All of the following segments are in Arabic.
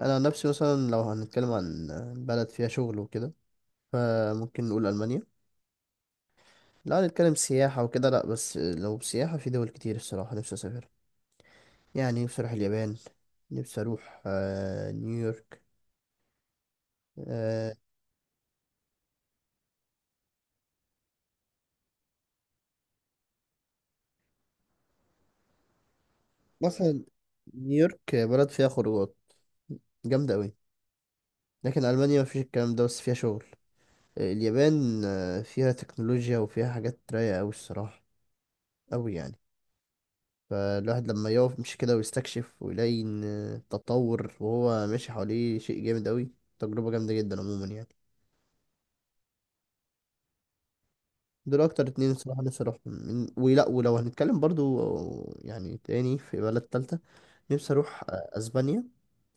انا عن نفسي مثلا لو هنتكلم عن بلد فيها شغل وكده فممكن نقول المانيا. لو هنتكلم سياحه وكده لا، بس لو سياحه في دول كتير الصراحه نفسي اسافر، يعني نفسي اروح اليابان. نفسي اروح نيويورك. آه، مثلا نيويورك بلد فيها خروجات جامده قوي، لكن المانيا مفيش الكلام ده بس فيها شغل. اليابان فيها تكنولوجيا وفيها حاجات رايقه قوي الصراحه، قوي يعني. فالواحد لما يقف مش كده ويستكشف ويلاقي إن التطور وهو ماشي حواليه شيء جامد أوي، تجربة جامدة جدا عموما يعني. دول أكتر اتنين الصراحة نفسي أروحهم ولا، ولو هنتكلم برضو يعني تاني في بلد تالتة، نفسي أروح أسبانيا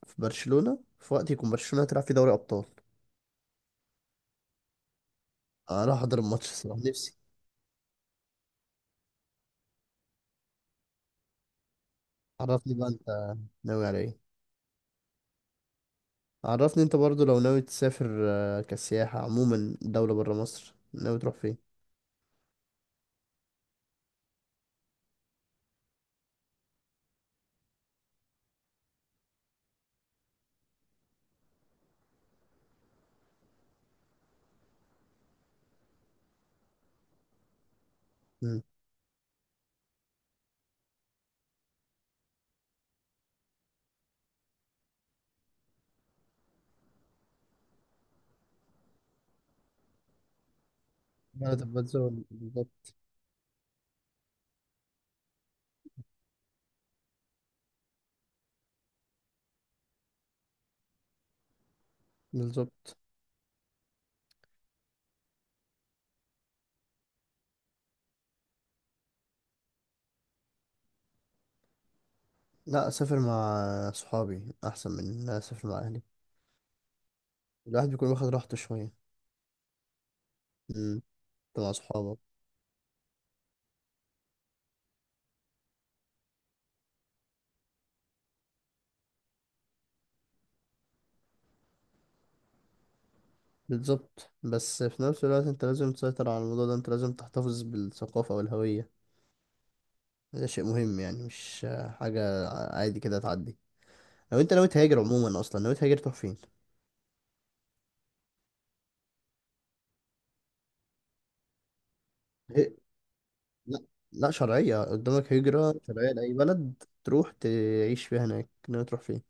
في برشلونة في وقت يكون برشلونة تلعب في دوري أبطال، أروح أحضر الماتش الصراحة نفسي. عرفني بقى أنت ناوي على إيه؟ عرفني أنت برضو لو ناوي تسافر كسياحة عموما دولة برا مصر ناوي تروح فين؟ مم. البلد بالظبط. لا، اسافر مع صحابي احسن من ان أنا اسافر مع اهلي. الواحد بيكون واخد راحته شويه. مم، انت مع صحابك. بالظبط، بس في نفس الوقت انت لازم تسيطر على الموضوع ده، انت لازم تحتفظ بالثقافه والهويه. ده شيء مهم يعني مش حاجه عادي كده تعدي. لو انت ناوي تهاجر عموما اصلا ناوي تهاجر تروح فين؟ هي- لا، لا شرعيه قدامك هجره شرعيه لاي بلد تروح تعيش فيها هناك، ناوي تروح فين؟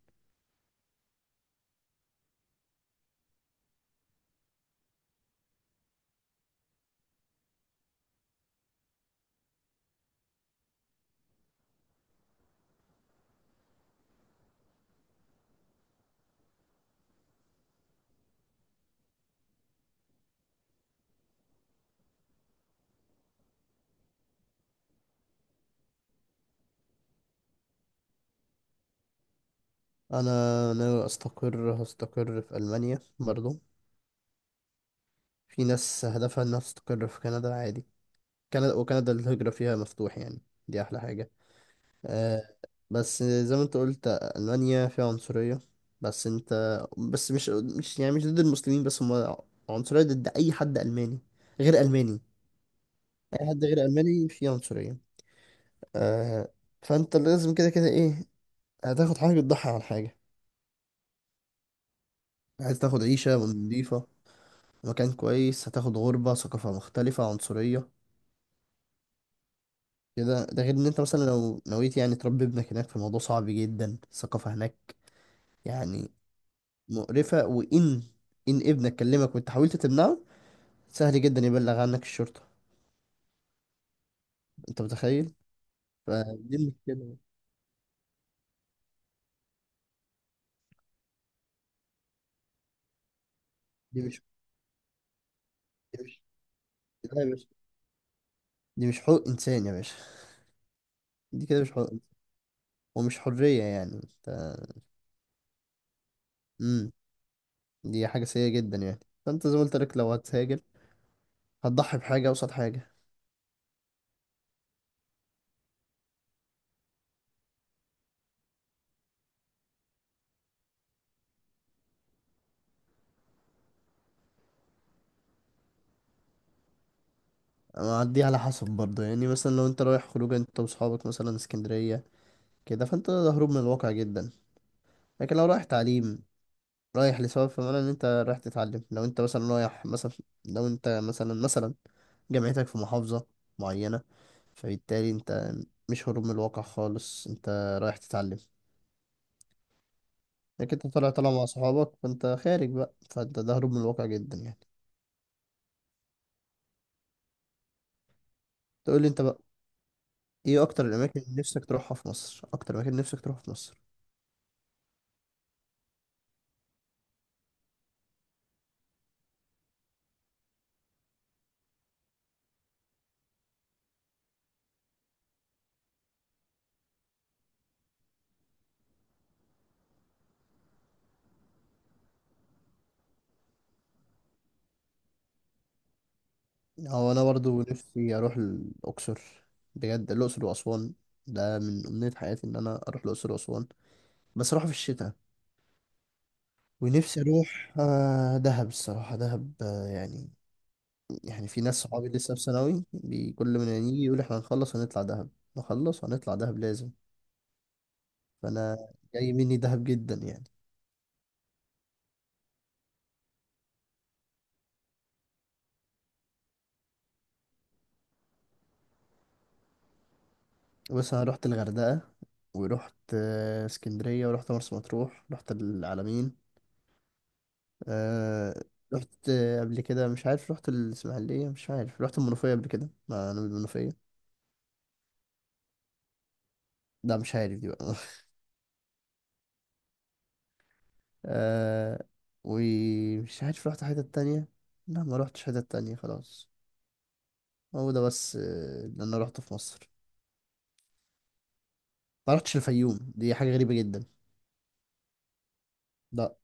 انا ناوي استقر، هستقر في المانيا برضو. في ناس هدفها انها تستقر في كندا عادي، كندا وكندا الهجرة فيها مفتوح يعني، دي احلى حاجة. آه، بس زي ما انت قلت ألمانيا فيها عنصرية، بس انت بس مش يعني مش ضد المسلمين، بس هم عنصرية ضد اي حد ألماني غير ألماني، اي حد غير ألماني فيه عنصرية. آه، فانت لازم كده كده ايه، هتاخد حاجة تضحي عن حاجة. عايز تاخد عيشة نضيفة مكان كويس هتاخد غربة، ثقافة مختلفة، عنصرية كده. ده غير ان انت مثلا لو نويت يعني تربي ابنك هناك، فالموضوع صعب جدا، الثقافة هناك يعني مقرفة. وان ابنك كلمك وانت حاولت تمنعه، سهل جدا يبلغ عنك الشرطة، انت متخيل؟ فدي المشكلة. دي مش دي مش لا يا باشا، دي مش حقوق انسان يا باشا. دي كده مش حقوق إنسان، ومش حرية يعني انت. امم، دي حاجة سيئة جدا يعني. فانت زي ما قلت لك لو هتهاجر هتضحي بحاجة قصاد حاجة. أما دي على حسب برضه يعني، مثلا لو انت رايح خروجه انت واصحابك مثلا اسكندرية كده، فانت هروب من الواقع جدا. لكن لو رايح تعليم، رايح لسبب، فمعنى ان انت رايح تتعلم. لو انت مثلا رايح مثلا لو انت مثلا مثلا جامعتك في محافظة معينة، فبالتالي انت مش هروب من الواقع خالص، انت رايح تتعلم. لكن انت طالع مع صحابك فانت خارج بقى، فانت ده هروب من الواقع جدا يعني. تقول لي انت بقى، ايه اكتر الاماكن اللي نفسك تروحها في مصر؟ اكتر مكان نفسك تروحه في مصر؟ هو انا برضو نفسي اروح الاقصر بجد، الاقصر واسوان، ده من امنية حياتي ان انا اروح الاقصر واسوان، بس اروح في الشتاء. ونفسي اروح دهب الصراحه، دهب يعني في ناس صحابي لسه في ثانوي، كل ما يجي يقول احنا هنخلص هنطلع دهب، نخلص هنطلع دهب لازم. فانا جاي مني دهب جدا يعني. بس انا رحت الغردقه، ورحت اسكندريه، ورحت مرسى مطروح، رحت العلمين، آه رحت قبل كده مش عارف، رحت الإسماعيلية، مش عارف رحت المنوفية قبل كده، مع أنا من المنوفية. لا مش عارف دي بقى. آه ومش عارف رحت حتة تانية، لا ما رحتش حتة تانية خلاص. هو ده بس اللي أنا رحته في مصر. ما رحتش الفيوم، دي حاجة غريبة جدا. لا،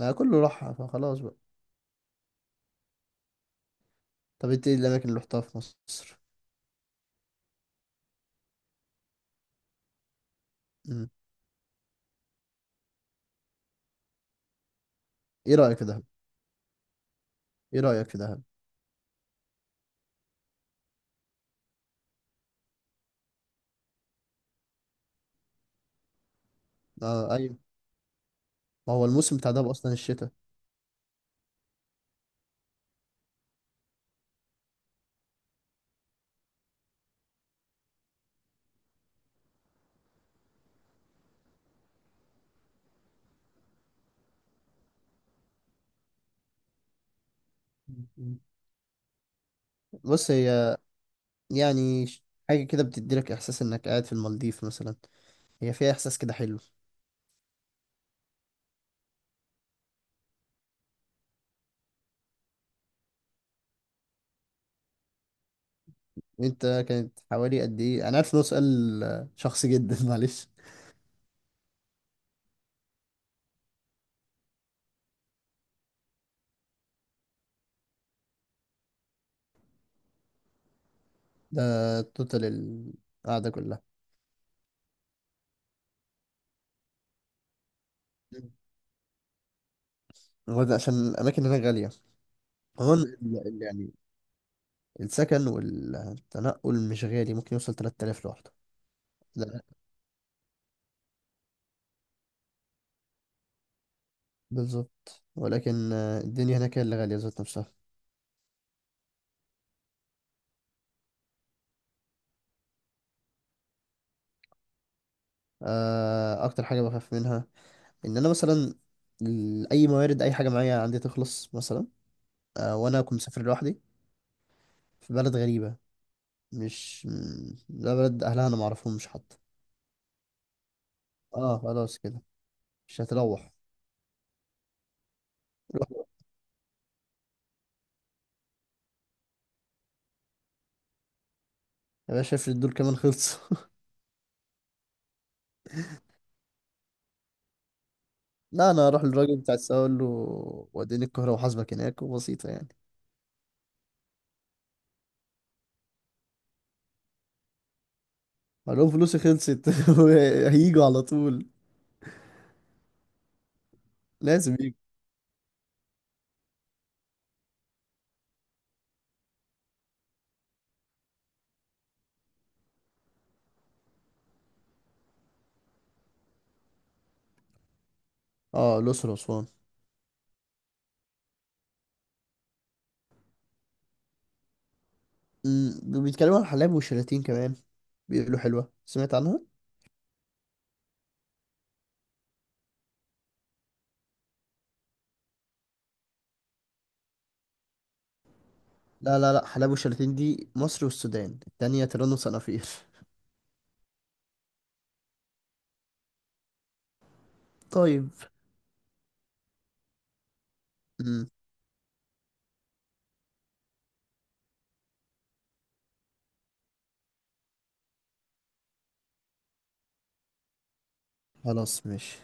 أنا كله راحها فخلاص بقى. طب انت ايه الأماكن اللي رحتها في مصر؟ مم. ايه رأيك في دهب؟ ايه رأيك في دهب؟ آه أيوة، ما هو الموسم بتاع دهب أصلا الشتاء. مم. بص هي، يعني حاجة كده بتديلك إحساس إنك قاعد في المالديف مثلا، هي فيها إحساس كده حلو. أنت كانت حوالي قد إيه؟ أنا عارف إنه سؤال شخصي جدا معلش. ده توتال القعدة كلها؟ هو ده عشان الأماكن هنا غالية. هو ال- ال- ال- يعني السكن والتنقل مش غالي ممكن يوصل 3000 لوحده. لا، بالظبط، ولكن الدنيا هناك هي اللي غالية ذات نفسها. أكتر حاجة بخاف منها إن أنا مثلا أي موارد أي حاجة معايا عندي تخلص مثلا، وانا كنت مسافر لوحدي في بلد غريبة، مش م- ده بلد اهلها انا معرفهمش حتى. اه خلاص كده، مش هتروح. روح بقى. يا باشا افرض دول كمان خلصوا؟ لا انا هروح للراجل بتاع السواق اقول له وديني القاهرة وحاسبك هناك، وبسيطة يعني. اقول لهم فلوسي خلصت، هيجوا على طول، لازم يجوا. اه الاقصر واسوان. بيتكلموا عن حلايب والشلاتين كمان، بيقولوا حلوة سمعت عنها. لا لا لا، حلايب والشلاتين دي مصر والسودان، التانية تيران وصنافير. طيب. امم. خلاص ماشي.